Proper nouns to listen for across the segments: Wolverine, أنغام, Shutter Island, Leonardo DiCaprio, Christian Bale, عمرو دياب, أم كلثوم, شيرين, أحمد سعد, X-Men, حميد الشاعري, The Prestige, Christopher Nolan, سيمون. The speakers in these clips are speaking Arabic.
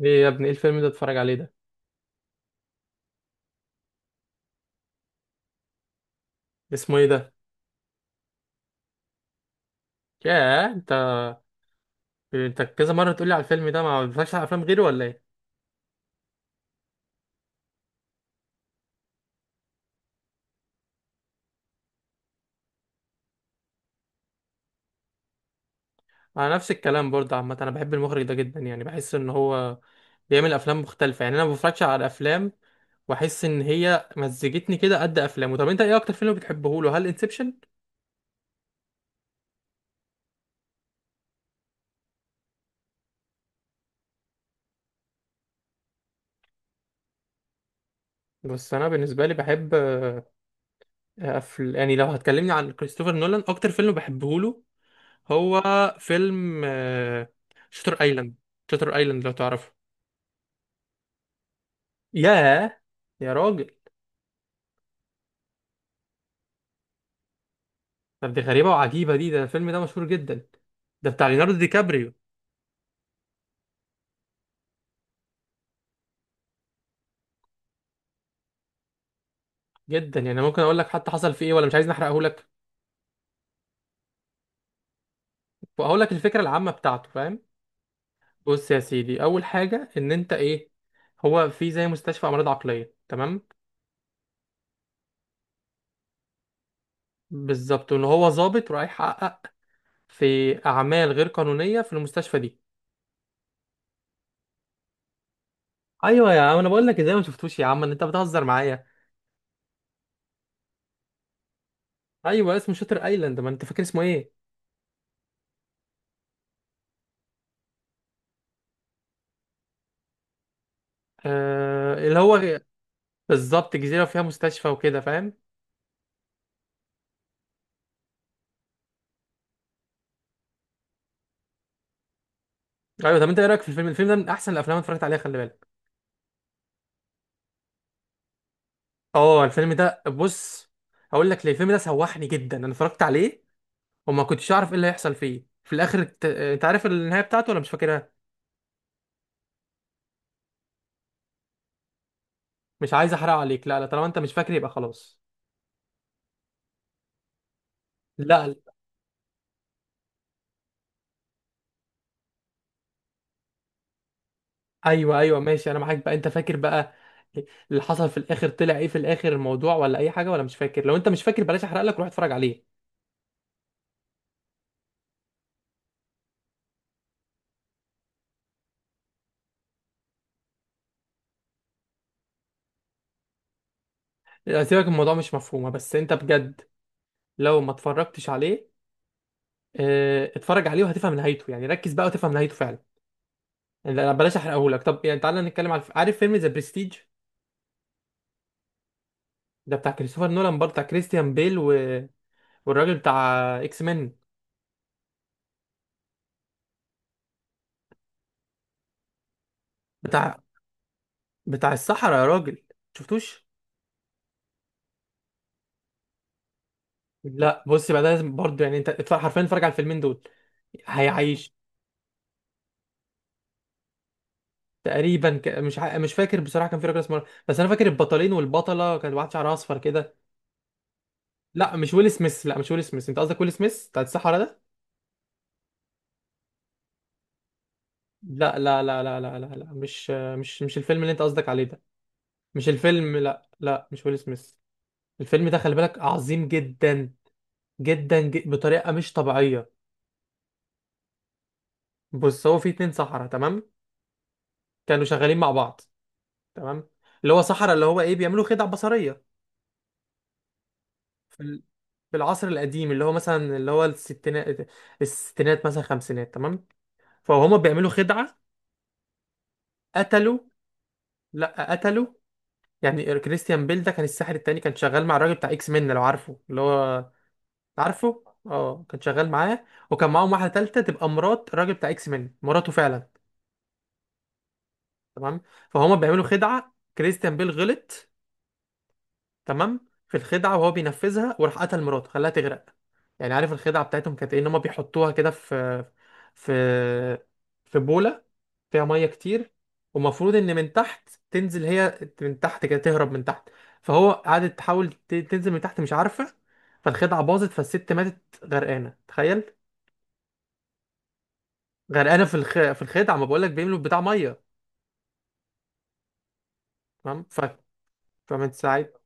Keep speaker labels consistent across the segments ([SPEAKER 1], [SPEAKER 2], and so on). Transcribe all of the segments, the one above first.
[SPEAKER 1] ايه يا ابني، ايه الفيلم ده اتفرج عليه ده؟ اسمه ايه ده؟ ياه انت! انت كذا مره تقولي على الفيلم ده، ما بتفرجش على افلام غيره ولا ايه؟ انا نفس الكلام برضه. عامه انا بحب المخرج ده جدا، يعني بحس ان هو بيعمل افلام مختلفه. يعني انا ما بفرجش على افلام واحس ان هي مزجتني كده قد افلامه. طب انت ايه اكتر فيلم بتحبه له، هل انسبشن؟ بس انا بالنسبه لي بحب يعني لو هتكلمني عن كريستوفر نولان، اكتر فيلم بحبه له هو فيلم شتر ايلاند. شتر ايلاند، لو تعرفه؟ ياه! يا راجل! طب دي غريبة وعجيبة دي، ده الفيلم ده مشهور جدا، ده بتاع ليوناردو دي كابريو. جدا يعني. ممكن اقول لك حتى حصل فيه ايه، ولا مش عايز احرقه لك؟ اقول لك الفكرة العامة بتاعته، فاهم؟ بص يا سيدي، اول حاجة ان انت ايه، هو في زي مستشفى امراض عقلية، تمام؟ بالظبط، ان هو ظابط رايح يحقق في اعمال غير قانونية في المستشفى دي. ايوه يا عم، انا بقول لك! ازاي ما شفتوش يا عم، ان انت بتهزر معايا؟ ايوه، اسمه شاتر ايلاند. ما انت فاكر اسمه ايه؟ آه، اللي هو. بالظبط، جزيره وفيها مستشفى وكده، فاهم؟ ايوه. طب انت ايه رايك في الفيلم ده من احسن الافلام اللي اتفرجت عليها، خلي بالك. اه، الفيلم ده، بص هقول لك ليه الفيلم ده سوحني جدا. انا اتفرجت عليه وما كنتش اعرف ايه اللي هيحصل فيه في الاخر. انت عارف النهايه بتاعته ولا مش فاكرها؟ مش عايز احرق عليك. لا، لا، طالما انت مش فاكر يبقى خلاص. لا، لا. ايوه، ايوه ماشي، انا معاك بقى. انت فاكر بقى اللي حصل في الاخر؟ طلع ايه في الاخر الموضوع ولا اي حاجه؟ ولا مش فاكر؟ لو انت مش فاكر بلاش احرق لك، روح اتفرج عليه. آه، سيبك الموضوع مش مفهومه، بس انت بجد لو ما اتفرجتش عليه، اتفرج عليه وهتفهم نهايته. يعني ركز بقى وتفهم نهايته فعلا. يعني بلاش احرقهولك. طب يعني تعالى نتكلم على، عارف فيلم ذا برستيج؟ ده بتاع كريستوفر نولان برضه، بتاع كريستيان بيل والراجل بتاع اكس مان، بتاع بتاع الصحراء يا راجل. شفتوش؟ لا، بص بقى، ده لازم برضه يعني. انت اتفرج، حرفيا اتفرج على الفيلمين دول، هيعيش. تقريبا مش فاكر بصراحه، كان في راجل اسمه، بس انا فاكر البطلين والبطله، كان واحد شعرها اصفر كده. لا، مش ويل سميث، لا مش ويل سميث، انت قصدك ويل سميث بتاع الصحراء ده. لا، لا، لا، لا، لا، لا، لا، مش الفيلم اللي انت قصدك عليه ده. مش الفيلم، لا، لا، مش ويل سميث. الفيلم ده خلي بالك عظيم جدا، جدا، جدا بطريقة مش طبيعية. بص، هو في اتنين سحرة، تمام؟ كانوا شغالين مع بعض، تمام. اللي هو سحرة، اللي هو ايه، بيعملوا خدع بصرية في ال- في العصر القديم، اللي هو مثلا، اللي هو الستينات مثلا، خمسينات، تمام. فهما بيعملوا خدعة، قتلوا. لا، قتلوا. يعني كريستيان بيل ده كان الساحر التاني، كان شغال مع الراجل بتاع اكس مين، لو عارفه، اللي هو. عارفه، اه كان شغال معاه. وكان معاهم واحده ثالثه، تبقى مرات الراجل بتاع اكس مان، مراته فعلا. تمام. فهما بيعملوا خدعه، كريستيان بيل غلط تمام في الخدعه، وهو بينفذها وراح قتل مراته، خلاها تغرق. يعني عارف الخدعه بتاعتهم كانت ايه؟ ان هما بيحطوها كده، في في بوله فيها ميه كتير. ومفروض ان من تحت تنزل، هي من تحت كده تهرب من تحت. فهو قعدت تحاول تنزل من تحت، مش عارفه. فالخدعه باظت، فالست ماتت غرقانه، تخيل. غرقانه في الخدع ما بقولك، بيملوا بتاع ميه. تمام فمن ساعتها.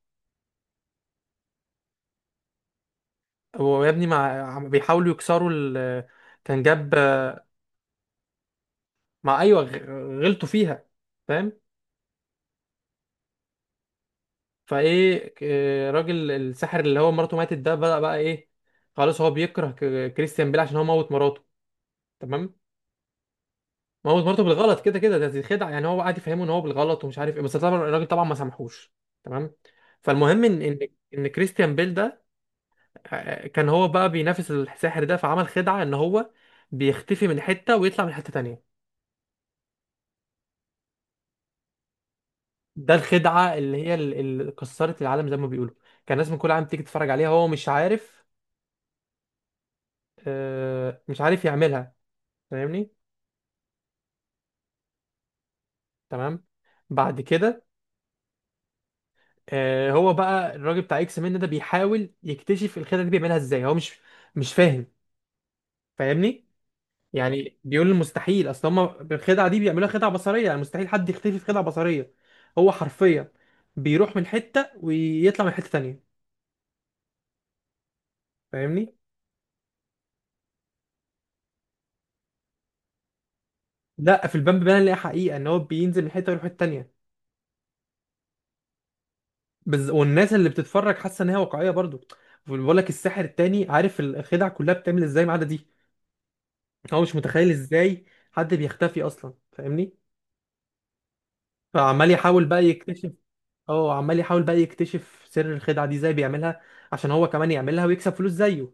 [SPEAKER 1] هو يا ابني عم بيحاولوا يكسروا كان جاب. مع، ايوه غلطوا فيها، فاهم؟ فايه راجل الساحر اللي هو مراته ماتت ده بقى ايه؟ خلاص هو بيكره كريستيان بيل عشان هو موت مراته. تمام. موت مراته بالغلط كده كده، دي خدعه، يعني هو قاعد يفهمه ان هو بالغلط ومش عارف ايه، بس طبعا الراجل طبعا ما سامحوش. تمام. فالمهم ان كريستيان بيل ده، كان هو بقى بينافس الساحر ده، فعمل خدعة ان هو بيختفي من حتة ويطلع من حتة تانية. ده الخدعة اللي هي اللي كسرت العالم زي ما بيقولوا. كان الناس من كل عام تيجي تتفرج عليها، هو مش عارف، مش عارف يعملها، فاهمني؟ تمام. بعد كده، هو بقى الراجل بتاع اكس من ده بيحاول يكتشف الخدعة دي بيعملها ازاي، هو مش فاهم، فاهمني؟ يعني بيقول المستحيل، اصل هم الخدعه دي بيعملوها خدعه بصريه، يعني مستحيل حد يختفي في خدعه بصريه. هو حرفيا بيروح من حته ويطلع من حته تانية، فاهمني؟ لا، في البامب بان، اللي هي حقيقه ان هو بينزل من حته ويروح الحته التانية. والناس اللي بتتفرج حاسه ان هي واقعيه برضو. بقول لك الساحر التاني عارف الخدع كلها بتعمل ازاي ما عدا دي. هو مش متخيل ازاي حد بيختفي اصلا، فاهمني؟ فعمال يحاول بقى يكتشف، اه عمال يحاول بقى يكتشف سر الخدعه دي ازاي بيعملها، عشان هو كمان يعملها ويكسب فلوس زيه.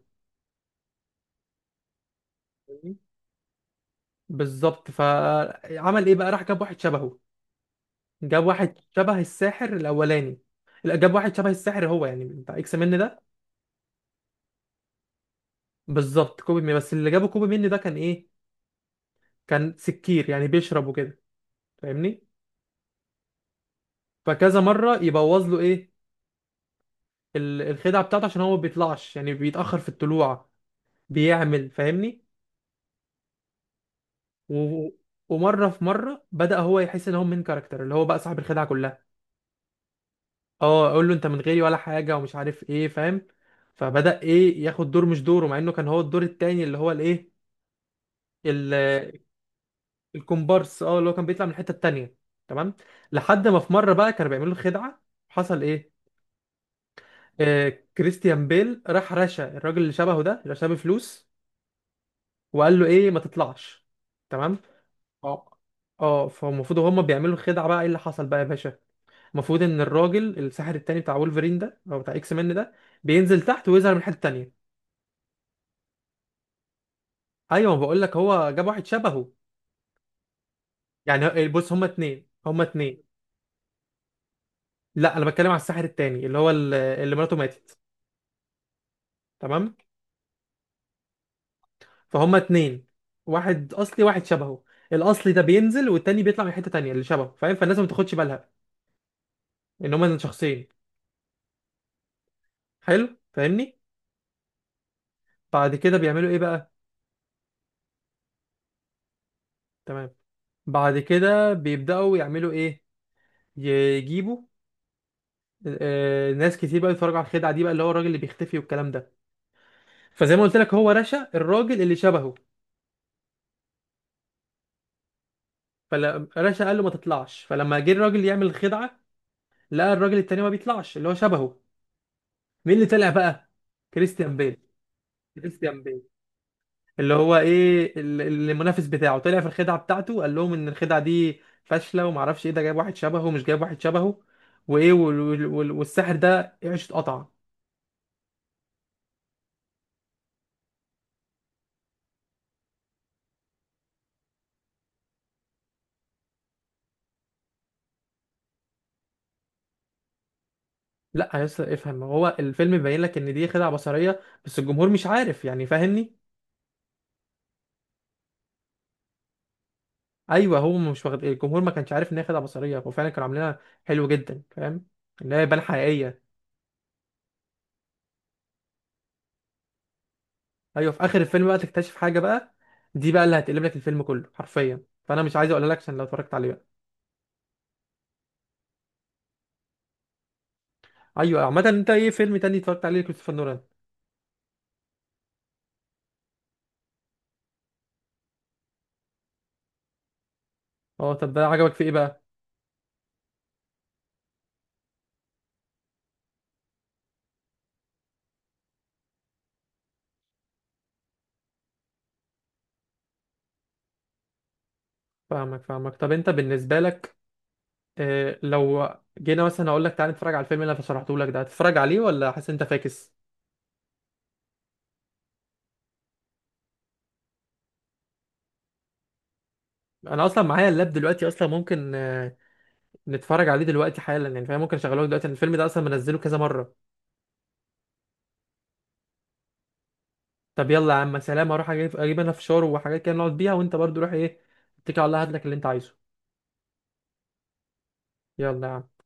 [SPEAKER 1] بالظبط، فعمل ايه بقى، راح جاب واحد شبهه. جاب واحد شبه الساحر الاولاني. لا، جاب واحد شبه الساحر هو، يعني بتاع اكس من ده. بالظبط، كوبي مين. بس اللي جابه كوبي مين ده كان ايه، كان سكير يعني بيشرب وكده، فاهمني؟ فكذا مره يبوظ له ايه، الخدعه بتاعته، عشان هو ما بيطلعش، يعني بيتاخر في الطلوع بيعمل، فاهمني؟ و... ومره في مره بدا هو يحس ان هو من كاركتر اللي هو بقى صاحب الخدعه كلها. اه، اقول له انت من غيري ولا حاجه ومش عارف ايه، فاهم؟ فبدأ ايه، ياخد دور مش دوره، مع انه كان هو الدور التاني اللي هو الايه، ال- الكومبارس، اه اللي هو كان بيطلع من الحته التانيه. تمام. لحد ما في مره بقى كانوا بيعملوا خدعه، حصل ايه؟ آه، كريستيان بيل راح رشا الراجل اللي شبهه ده، اللي شبه، فلوس. وقال له ايه، ما تطلعش، تمام. اه، اه، فالمفروض هما بيعملوا خدعه، بقى ايه اللي حصل بقى يا باشا؟ المفروض ان الراجل الساحر التاني بتاع وولفرين ده، او بتاع اكس مان ده، بينزل تحت ويظهر من الحته التانيه. ايوه، بقول لك هو جاب واحد شبهه. يعني بص، هما اتنين، هما اتنين. لا، انا بتكلم على الساحر التاني اللي هو اللي مراته ماتت. تمام. فهما اتنين، واحد اصلي واحد شبهه. الاصلي ده بينزل، والتاني بيطلع من حته تانيه اللي شبهه، فاهم؟ فالناس ما تاخدش بالها ان هما شخصين، حلو، فاهمني؟ بعد كده بيعملوا ايه بقى؟ تمام. بعد كده بيبداوا يعملوا ايه، يجيبوا ناس كتير بقى يتفرجوا على الخدعه دي بقى، اللي هو الراجل اللي بيختفي والكلام ده. فزي ما قلت لك، هو رشا الراجل اللي شبهه. فالرشا قال له ما تطلعش، فلما جه الراجل يعمل الخدعه، لقى الراجل التاني ما بيطلعش، اللي هو شبهه. مين اللي طلع بقى؟ كريستيان بيل. كريستيان بيل، اللي هو ايه، المنافس بتاعه، طلع في الخدعه بتاعته، قال لهم ان الخدعه دي فاشله وما اعرفش ايه، ده جايب واحد شبهه ومش جايب واحد شبهه وايه، والساحر ده عيشه قطع. لا يا اسطى، افهم، هو الفيلم بيبين لك ان دي خدعه بصريه، بس الجمهور مش عارف، يعني فاهمني؟ ايوه، هو مش واخد، الجمهور ما كانش عارف ان هي خدعه بصريه، هو فعلا كانوا عاملينها. حلو جدا، فاهم؟ ان هي بان حقيقيه. ايوه، في اخر الفيلم بقى تكتشف حاجه بقى، دي بقى اللي هتقلب لك الفيلم كله حرفيا، فانا مش عايز اقول لك عشان لو اتفرجت عليه بقى. ايوه عامه، انت ايه فيلم تاني اتفرجت عليه كريستوفر نولان؟ اه، طب ده عجبك في ايه بقى؟ فاهمك، فاهمك، طب انت بالنسبه لك، لو جينا مثلا، اقول لك تعالى نتفرج على الفيلم اللي انا شرحته لك ده، هتتفرج عليه ولا حاسس انت فاكس؟ انا اصلا معايا اللاب دلوقتي اصلا، ممكن نتفرج عليه دلوقتي حالا يعني، فاهم؟ ممكن اشغله لك دلوقتي لأن الفيلم ده اصلا منزله كذا مره. طب يلا يا عم. سلام، اروح اجيب انا فشار وحاجات كده نقعد بيها، وانت برضو روح ايه، اتكل على الله، هات لك اللي انت عايزه. يلا يا عم.